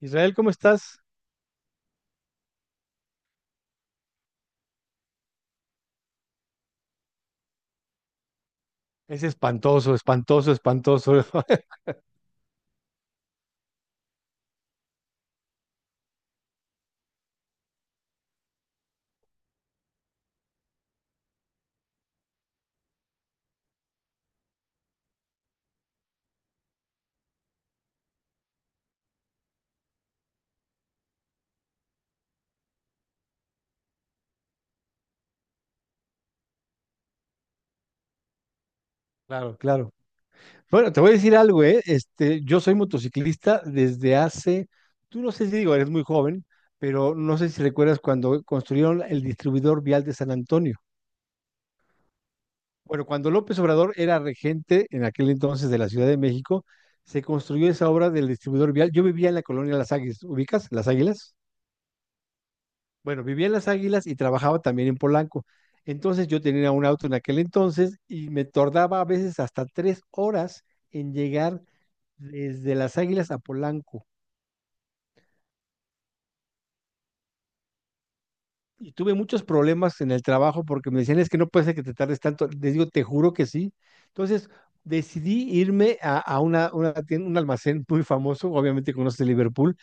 Israel, ¿cómo estás? Es espantoso, espantoso, espantoso. Claro, claro. Bueno, te voy a decir algo, ¿eh? Yo soy motociclista desde hace, tú no sé si digo, eres muy joven, pero no sé si recuerdas cuando construyeron el distribuidor vial de San Antonio. Bueno, cuando López Obrador era regente en aquel entonces de la Ciudad de México, se construyó esa obra del distribuidor vial. Yo vivía en la colonia Las Águilas, ¿ubicas? Las Águilas. Bueno, vivía en Las Águilas y trabajaba también en Polanco. Entonces yo tenía un auto en aquel entonces y me tardaba a veces hasta 3 horas en llegar desde Las Águilas a Polanco. Y tuve muchos problemas en el trabajo porque me decían, es que no puede ser que te tardes tanto. Les digo, te juro que sí. Entonces decidí irme a un almacén muy famoso, obviamente conoces Liverpool,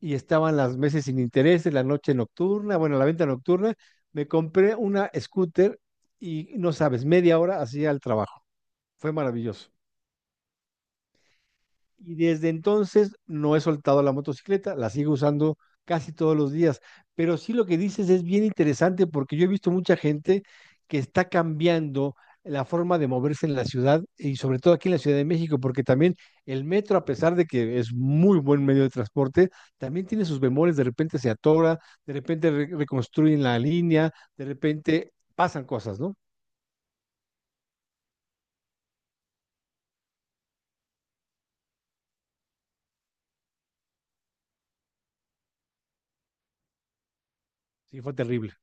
y estaban las meses sin intereses, la noche nocturna, bueno, la venta nocturna. Me compré una scooter y no sabes, 1/2 hora hacía el trabajo. Fue maravilloso. Y desde entonces no he soltado la motocicleta, la sigo usando casi todos los días. Pero sí lo que dices es bien interesante porque yo he visto mucha gente que está cambiando la forma de moverse en la ciudad y sobre todo aquí en la Ciudad de México, porque también el metro, a pesar de que es muy buen medio de transporte, también tiene sus bemoles, de repente se atora, de repente reconstruyen la línea, de repente pasan cosas, ¿no? Sí, fue terrible.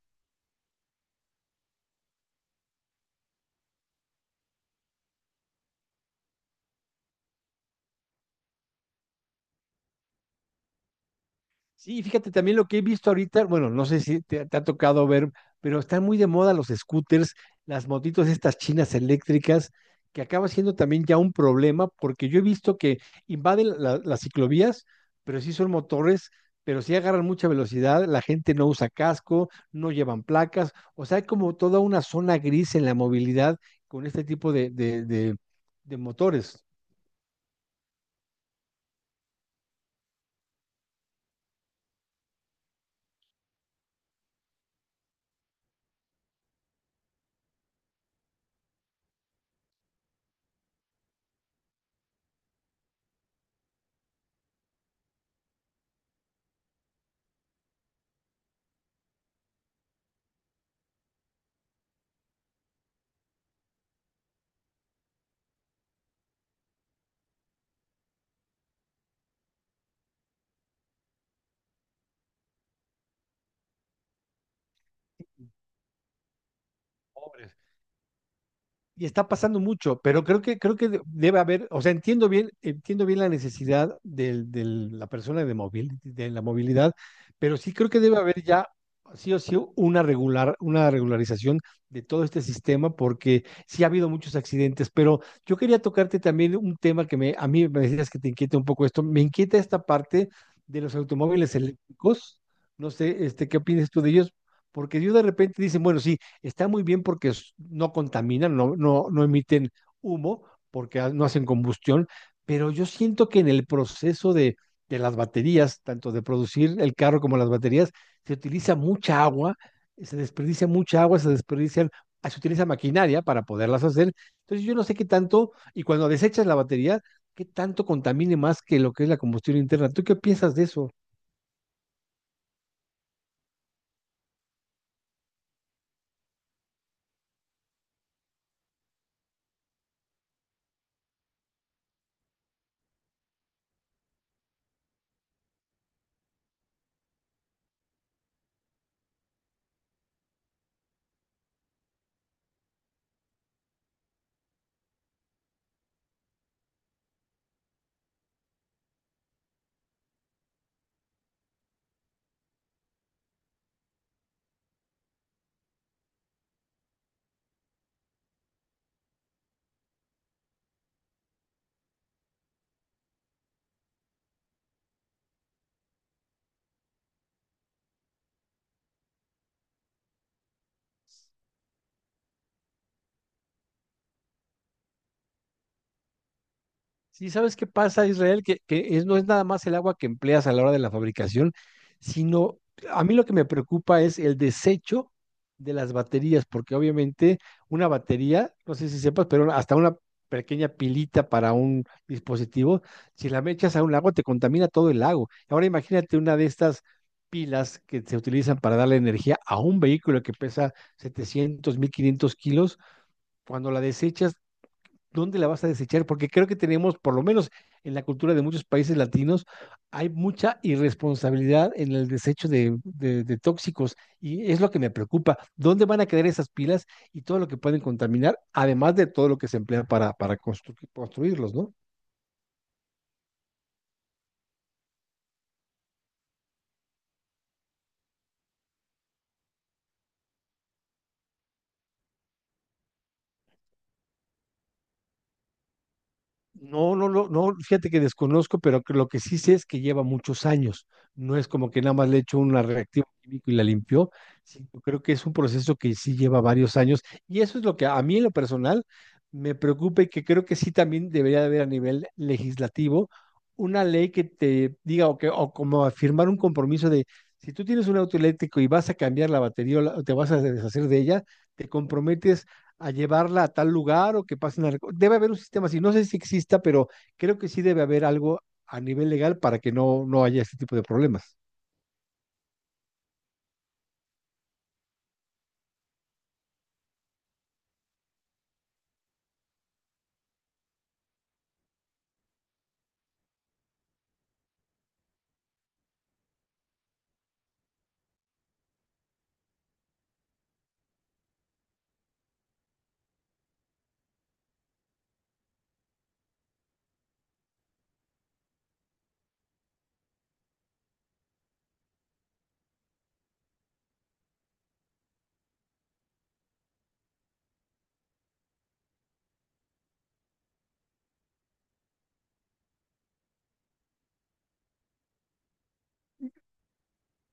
Sí, fíjate también lo que he visto ahorita, bueno, no sé si te ha tocado ver, pero están muy de moda los scooters, las motitos estas chinas eléctricas, que acaba siendo también ya un problema, porque yo he visto que invaden las ciclovías, pero sí son motores, pero sí agarran mucha velocidad, la gente no usa casco, no llevan placas, o sea, hay como toda una zona gris en la movilidad con este tipo de motores. Y está pasando mucho, pero creo que debe haber, o sea, entiendo bien la necesidad de la persona de, móvil de la movilidad, pero sí creo que debe haber ya sí o sí una regular, una regularización de todo este sistema, porque sí ha habido muchos accidentes, pero yo quería tocarte también un tema que me, a mí me decías que te inquieta un poco esto, me inquieta esta parte de los automóviles eléctricos, no sé, ¿qué opinas tú de ellos? Porque yo de repente dicen, bueno, sí, está muy bien porque no contaminan, no, no, no emiten humo, porque no hacen combustión, pero yo siento que en el proceso de las baterías, tanto de producir el carro como las baterías, se utiliza mucha agua, se desperdicia mucha agua, se desperdician, se utiliza maquinaria para poderlas hacer. Entonces yo no sé qué tanto, y cuando desechas la batería, qué tanto contamine más que lo que es la combustión interna. ¿Tú qué piensas de eso? Sí, ¿sabes qué pasa, Israel? Que es, no es nada más el agua que empleas a la hora de la fabricación, sino a mí lo que me preocupa es el desecho de las baterías, porque obviamente una batería, no sé si sepas, pero hasta una pequeña pilita para un dispositivo, si la me echas a un lago, te contamina todo el lago. Ahora imagínate una de estas pilas que se utilizan para darle energía a un vehículo que pesa 700, 1500 kilos, cuando la desechas dónde la vas a desechar, porque creo que tenemos, por lo menos en la cultura de muchos países latinos, hay mucha irresponsabilidad en el desecho de tóxicos y es lo que me preocupa. ¿Dónde van a quedar esas pilas y todo lo que pueden contaminar, además de todo lo que se emplea para construirlos, ¿no? No, no, no, no, fíjate que desconozco, pero que lo que sí sé es que lleva muchos años. No es como que nada más le echó un reactivo químico y la limpió. Sí, yo creo que es un proceso que sí lleva varios años. Y eso es lo que a mí en lo personal me preocupa y que creo que sí también debería de haber a nivel legislativo una ley que te diga o, que, o como afirmar un compromiso de si tú tienes un auto eléctrico y vas a cambiar la batería o o te vas a deshacer de ella, te comprometes a llevarla a tal lugar o que pasen a... Debe haber un sistema así, no sé si exista, pero creo que sí debe haber algo a nivel legal para que no, no haya este tipo de problemas.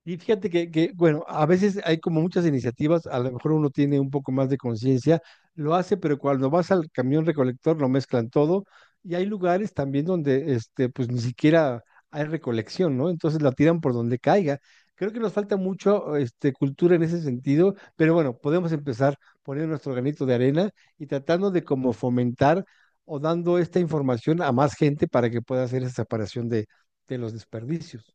Y fíjate que, bueno, a veces hay como muchas iniciativas, a lo mejor uno tiene un poco más de conciencia, lo hace, pero cuando vas al camión recolector lo mezclan todo y hay lugares también donde, pues ni siquiera hay recolección, ¿no? Entonces la tiran por donde caiga. Creo que nos falta mucho, cultura en ese sentido, pero bueno, podemos empezar poniendo nuestro granito de arena y tratando de como fomentar o dando esta información a más gente para que pueda hacer esa separación de los desperdicios.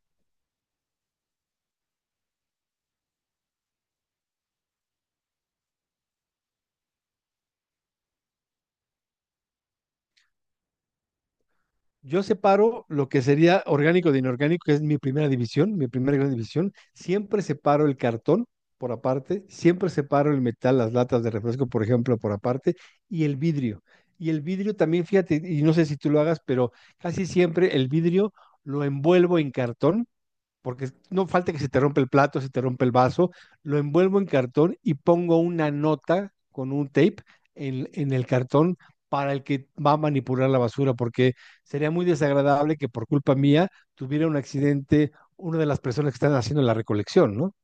Yo separo lo que sería orgánico de inorgánico, que es mi primera división, mi primera gran división. Siempre separo el cartón por aparte, siempre separo el metal, las latas de refresco, por ejemplo, por aparte, y el vidrio. Y el vidrio también, fíjate, y no sé si tú lo hagas, pero casi siempre el vidrio lo envuelvo en cartón porque no falta que se te rompe el plato, se te rompe el vaso, lo envuelvo en cartón y pongo una nota con un tape en el cartón para el que va a manipular la basura, porque sería muy desagradable que por culpa mía tuviera un accidente una de las personas que están haciendo la recolección, ¿no?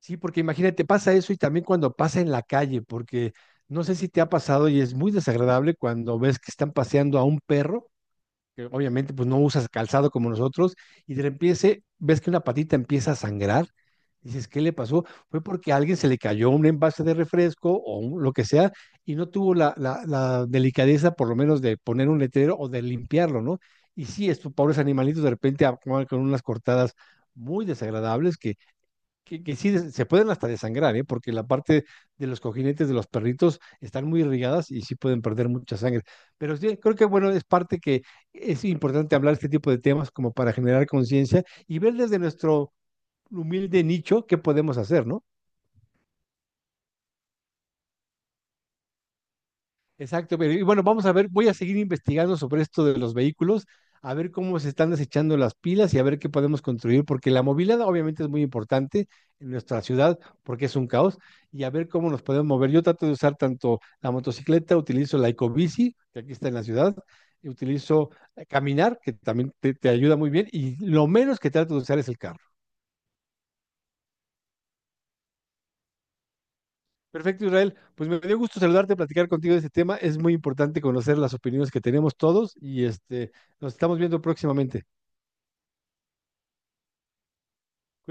Sí, porque imagínate, pasa eso y también cuando pasa en la calle, porque no sé si te ha pasado y es muy desagradable cuando ves que están paseando a un perro que obviamente pues no usas calzado como nosotros, y de repente ves que una patita empieza a sangrar. Dices, ¿qué le pasó? Fue porque a alguien se le cayó un envase de refresco o lo que sea y no tuvo la delicadeza por lo menos de poner un letrero o de limpiarlo, ¿no? Y sí, estos pobres animalitos de repente acaban con unas cortadas muy desagradables que sí se pueden hasta desangrar, ¿eh? Porque la parte de los cojinetes de los perritos están muy irrigadas y sí pueden perder mucha sangre. Pero sí, creo que bueno, es parte que es importante hablar este tipo de temas como para generar conciencia y ver desde nuestro humilde nicho qué podemos hacer, ¿no? Exacto, pero y bueno, vamos a ver, voy a seguir investigando sobre esto de los vehículos, a ver cómo se están desechando las pilas y a ver qué podemos construir, porque la movilidad obviamente es muy importante en nuestra ciudad, porque es un caos, y a ver cómo nos podemos mover. Yo trato de usar tanto la motocicleta, utilizo la ecobici, que aquí está en la ciudad, y utilizo caminar, que también te ayuda muy bien, y lo menos que trato de usar es el carro. Perfecto, Israel. Pues me dio gusto saludarte, platicar contigo de este tema. Es muy importante conocer las opiniones que tenemos todos y nos estamos viendo próximamente. Cuídate.